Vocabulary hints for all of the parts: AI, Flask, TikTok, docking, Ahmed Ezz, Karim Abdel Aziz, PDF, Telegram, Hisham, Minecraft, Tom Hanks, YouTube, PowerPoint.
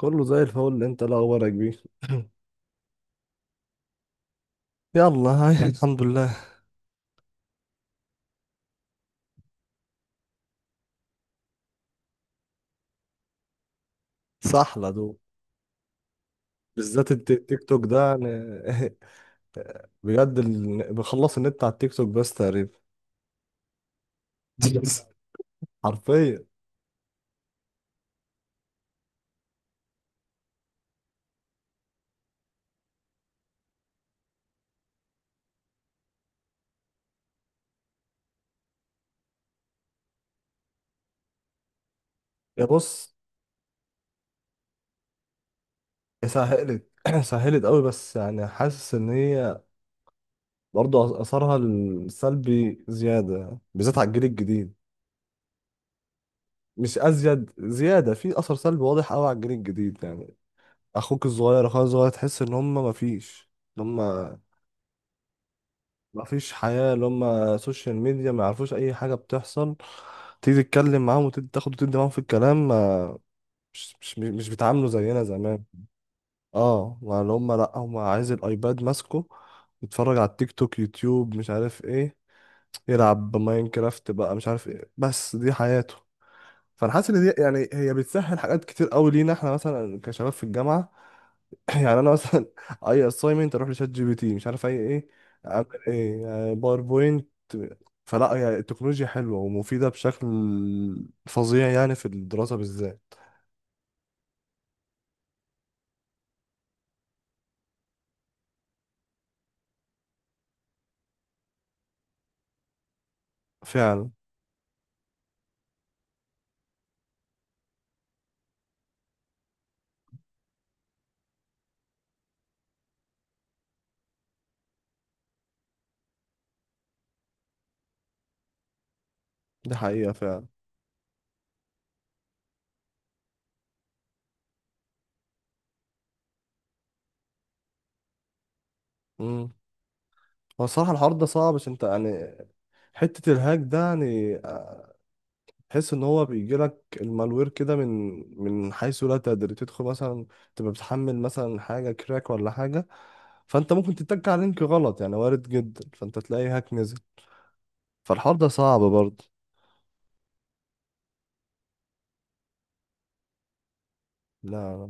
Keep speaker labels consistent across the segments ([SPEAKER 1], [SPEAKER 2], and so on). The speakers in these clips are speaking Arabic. [SPEAKER 1] كله زي الفل. انت لا اخبارك بيه؟ يلا هاي الحمد لله. صحلة دول. بالذات التيك توك ده يعني. بجد بخلص النت على التيك توك بس تقريبا. حرفيا. يا بص، هي سهلت سهلت قوي، بس يعني حاسس ان هي برضه اثرها السلبي زيادة بالذات على الجيل الجديد. مش ازيد، زيادة في اثر سلبي واضح قوي على الجيل الجديد يعني. اخوك الصغير، اخويا الصغير، تحس ان هم مفيش هم، ما فيش حياة، اللي هم سوشيال ميديا، ما يعرفوش أي حاجة بتحصل. تيجي تتكلم معاهم وتاخد وتدي معاهم في الكلام، ما مش بيتعاملوا زينا زمان. اه، ما اللي هم لأ، هم عايز الأيباد ماسكه، يتفرج على التيك توك، يوتيوب، مش عارف ايه. يلعب ماينكرافت بقى، مش عارف ايه، بس دي حياته. فانا حاسس ان دي يعني هي بتسهل حاجات كتير قوي لينا احنا، مثلا كشباب في الجامعه. يعني انا مثلا اي اساينمنت اروح لشات جي بي تي، مش عارف اي ايه، اعمل ايه باوربوينت. فلا، هي التكنولوجيا حلوه ومفيده بشكل فظيع يعني، في الدراسه بالذات. فعلا. دي حقيقه فعلا. امم. هو الصراحه الحوار ده صعب، عشان انت يعني حته الهاك ده يعني، تحس ان هو بيجي لك المالوير كده من من حيث لا تدري. تدخل مثلا، تبقى بتحمل مثلا حاجه كراك ولا حاجه، فانت ممكن تتك على لينك غلط، يعني وارد جدا، فانت تلاقي هاك نزل. فالحوار ده صعب برضه. لا.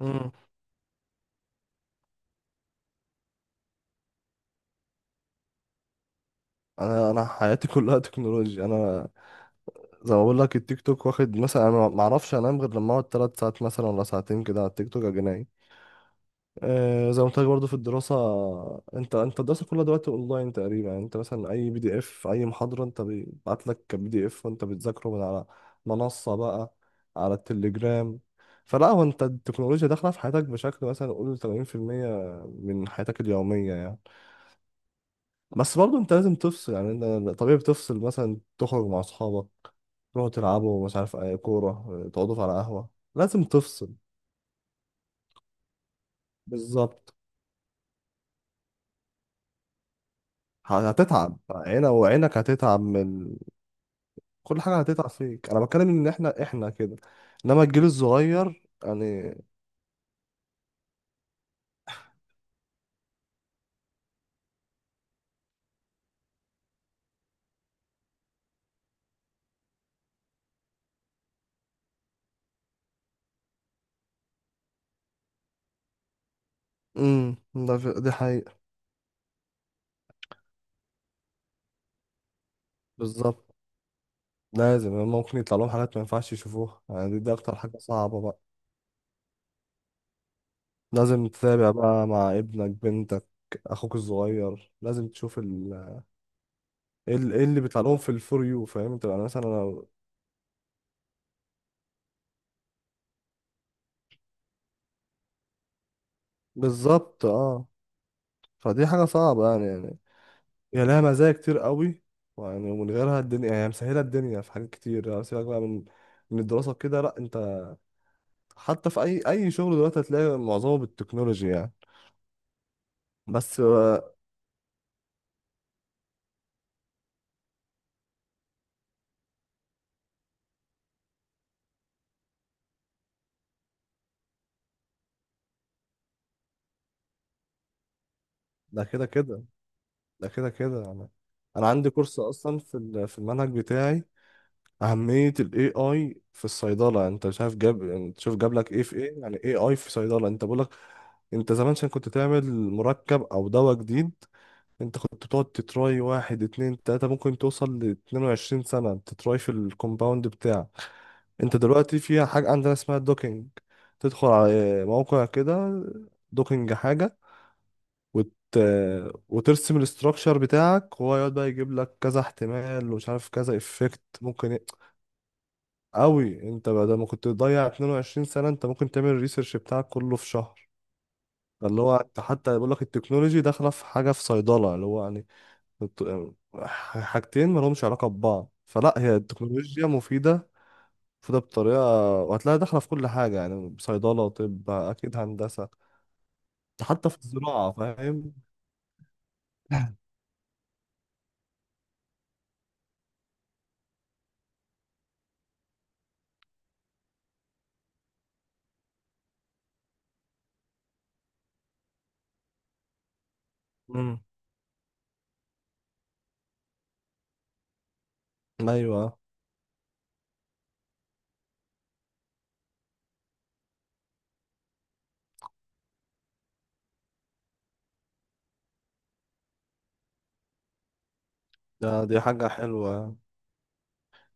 [SPEAKER 1] مم. انا حياتي كلها تكنولوجيا انا. زي ما بقول لك، التيك توك واخد مثلا، انا ما اعرفش انام غير لما اقعد 3 ساعات مثلا ولا ساعتين كده على التيك توك اجي نايم. آه، زي ما قلت لك برضه في الدراسة، انت انت الدراسة كلها دلوقتي اونلاين تقريبا يعني. انت مثلا اي بي دي اف، اي محاضرة انت بيبعت لك كبي دي اف، وانت بتذاكره من على منصة بقى، على التليجرام. فلا، هو انت التكنولوجيا داخلة في حياتك بشكل مثلا قول 80% من حياتك اليومية يعني. بس برضه انت لازم تفصل يعني. انت طبيعي بتفصل، مثلا تخرج مع اصحابك، تروحوا تلعبوا مش عارف اي كورة، تقعدوا على قهوة. لازم تفصل. بالظبط. هتتعب عينك، وعينك هتتعب من كل حاجة، هتقطع فيك. انا بتكلم ان احنا كده، انما الجيل الصغير يعني. امم. دي حقيقة. بالظبط. لازم، ممكن يطلع لهم حاجات ما ينفعش يشوفوها يعني. دي, دي اكتر حاجة صعبة بقى. لازم تتابع بقى مع ابنك، بنتك، اخوك الصغير. لازم تشوف ايه إيه اللي بيطلع لهم في الفور يو، فاهم انت يعني. مثلا بالظبط اه. فدي حاجة صعبة يعني. هي لها مزايا كتير قوي يعني، ومن غيرها الدنيا يعني، مسهلة الدنيا في حاجات كتير يعني. سيبك بقى من من الدراسة كده، لا انت حتى في اي اي شغل دلوقتي هتلاقي معظمه بالتكنولوجي يعني. بس آه، ده كده كده ده كده كده يعني. انا عندي كورس اصلا في في المنهج بتاعي، اهميه الاي اي في الصيدله. انت شايف جاب، انت شوف جاب لك ايه في ايه يعني، اي اي في صيدله. انت بقول لك، انت زمان عشان كنت تعمل مركب او دواء جديد، انت كنت بتقعد تتراي واحد اتنين تلاته، ممكن توصل ل 22 سنه تتراي في الكومباوند بتاعك. انت دلوقتي في حاجة عندنا اسمها الدوكينج. تدخل على موقع كده، دوكينج حاجة، وت... وترسم الاستراكشر بتاعك، وهو يقعد بقى يجيب لك كذا احتمال، ومش عارف كذا افكت ممكن قوي. انت بدل ما كنت تضيع 22 سنة، انت ممكن تعمل الريسيرش بتاعك كله في شهر. اللي هو انت حتى بيقول لك، التكنولوجي داخلة في حاجة في صيدلة، اللي هو يعني الت- حاجتين مالهمش علاقة ببعض. فلا، هي التكنولوجيا مفيدة، فده بطريقة، وهتلاقيها داخلة في كل حاجة يعني. صيدلة، طب، أكيد، هندسة، حتى في الزراعة، فاهم. امم. أيوة. ده دي حاجة حلوة.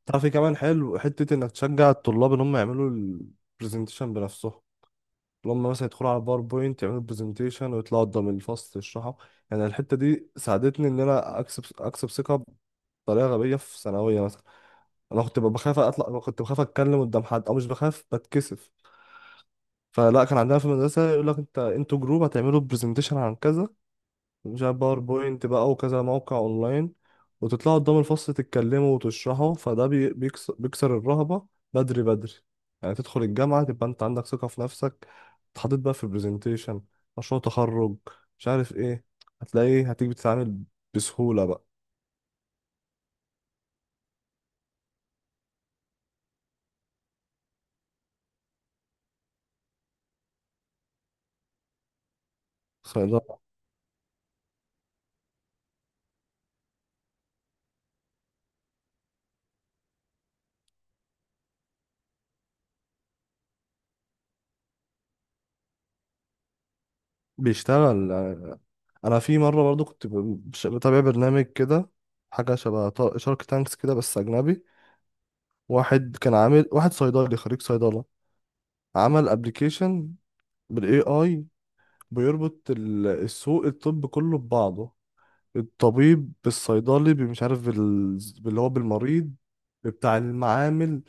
[SPEAKER 1] تعرف إيه كمان حلو؟ حتة إنك تشجع الطلاب إن هم يعملوا البرزنتيشن بنفسهم، اللي هم مثلا يدخلوا على الباوربوينت، يعملوا برزنتيشن، ويطلعوا قدام الفصل يشرحوا. يعني الحتة دي ساعدتني إن أنا أكسب ثقة بطريقة غبية في ثانوية مثلا. أنا كنت ببقى بخاف أطلع، كنت بخاف أتكلم قدام حد، أو مش بخاف، بتكسف. فلا، كان عندنا في المدرسة يقول لك انت، انتوا جروب هتعملوا برزنتيشن عن كذا، مش عارف باوربوينت بقى وكذا موقع اونلاين، وتطلعوا قدام الفصل تتكلموا وتشرحوا. فده بيكسر الرهبة بدري، بدري يعني. تدخل الجامعة تبقى انت عندك ثقة في نفسك. اتحطيت بقى في برزنتيشن، مشروع تخرج، مش عارف ايه، هتلاقيه، هتيجي بتتعامل بسهولة بقى. فده بيشتغل يعني. انا في مرة برضو كنت بتابع برنامج كده، حاجة شبه شارك تانكس كده بس أجنبي. واحد كان عامل، واحد صيدلي خريج صيدلة، عمل ابلكيشن بالاي اي، بيربط السوق الطب كله ببعضه، الطبيب بالصيدلي، مش عارف باللي هو بالمريض، بتاع المعامل،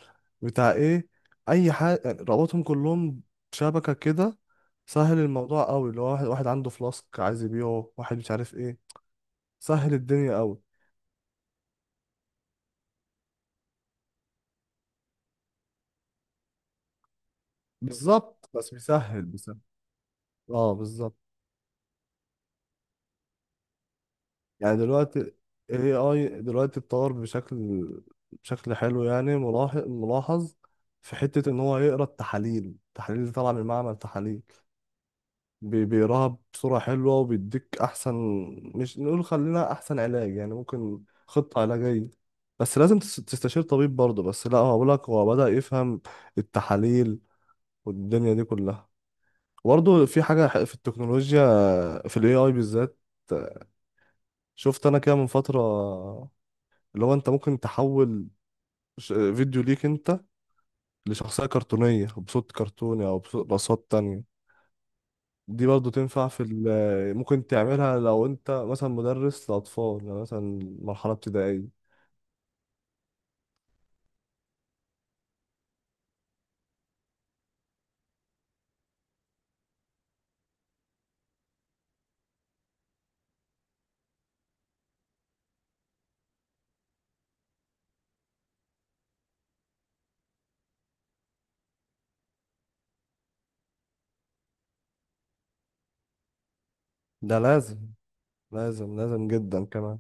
[SPEAKER 1] بتاع ايه، اي حاجة يعني. ربطهم كلهم شبكة كده، سهل الموضوع قوي. اللي هو واحد واحد عنده فلاسك عايز يبيعه، واحد مش عارف ايه. سهل الدنيا قوي. بالظبط، بس بيسهل، بيسهل. اه بالظبط. يعني دلوقتي ال AI دلوقتي اتطور بشكل حلو يعني، ملاحظ، ملاحظ في حتة إن هو يقرا التحاليل، التحاليل اللي طالعة من معمل تحاليل، بيقراها بصورة حلوة وبيديك أحسن، مش نقول خلينا أحسن علاج يعني، ممكن خطة علاجية. بس لازم تستشير طبيب برضه. بس لا، هو بقولك هو بدأ يفهم التحاليل والدنيا دي كلها. برضه في حاجة في التكنولوجيا، في ال AI بالذات، شفت أنا كده من فترة، اللي هو انت ممكن تحول فيديو ليك انت لشخصية كرتونية، بصوت كرتوني او بصوت بأصوات تانية. دي برضو تنفع في ممكن تعملها لو انت مثلا مدرس لأطفال، يعني مثلا مرحلة ابتدائية. ده لازم، لازم جدا كمان.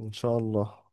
[SPEAKER 1] ان شاء الله.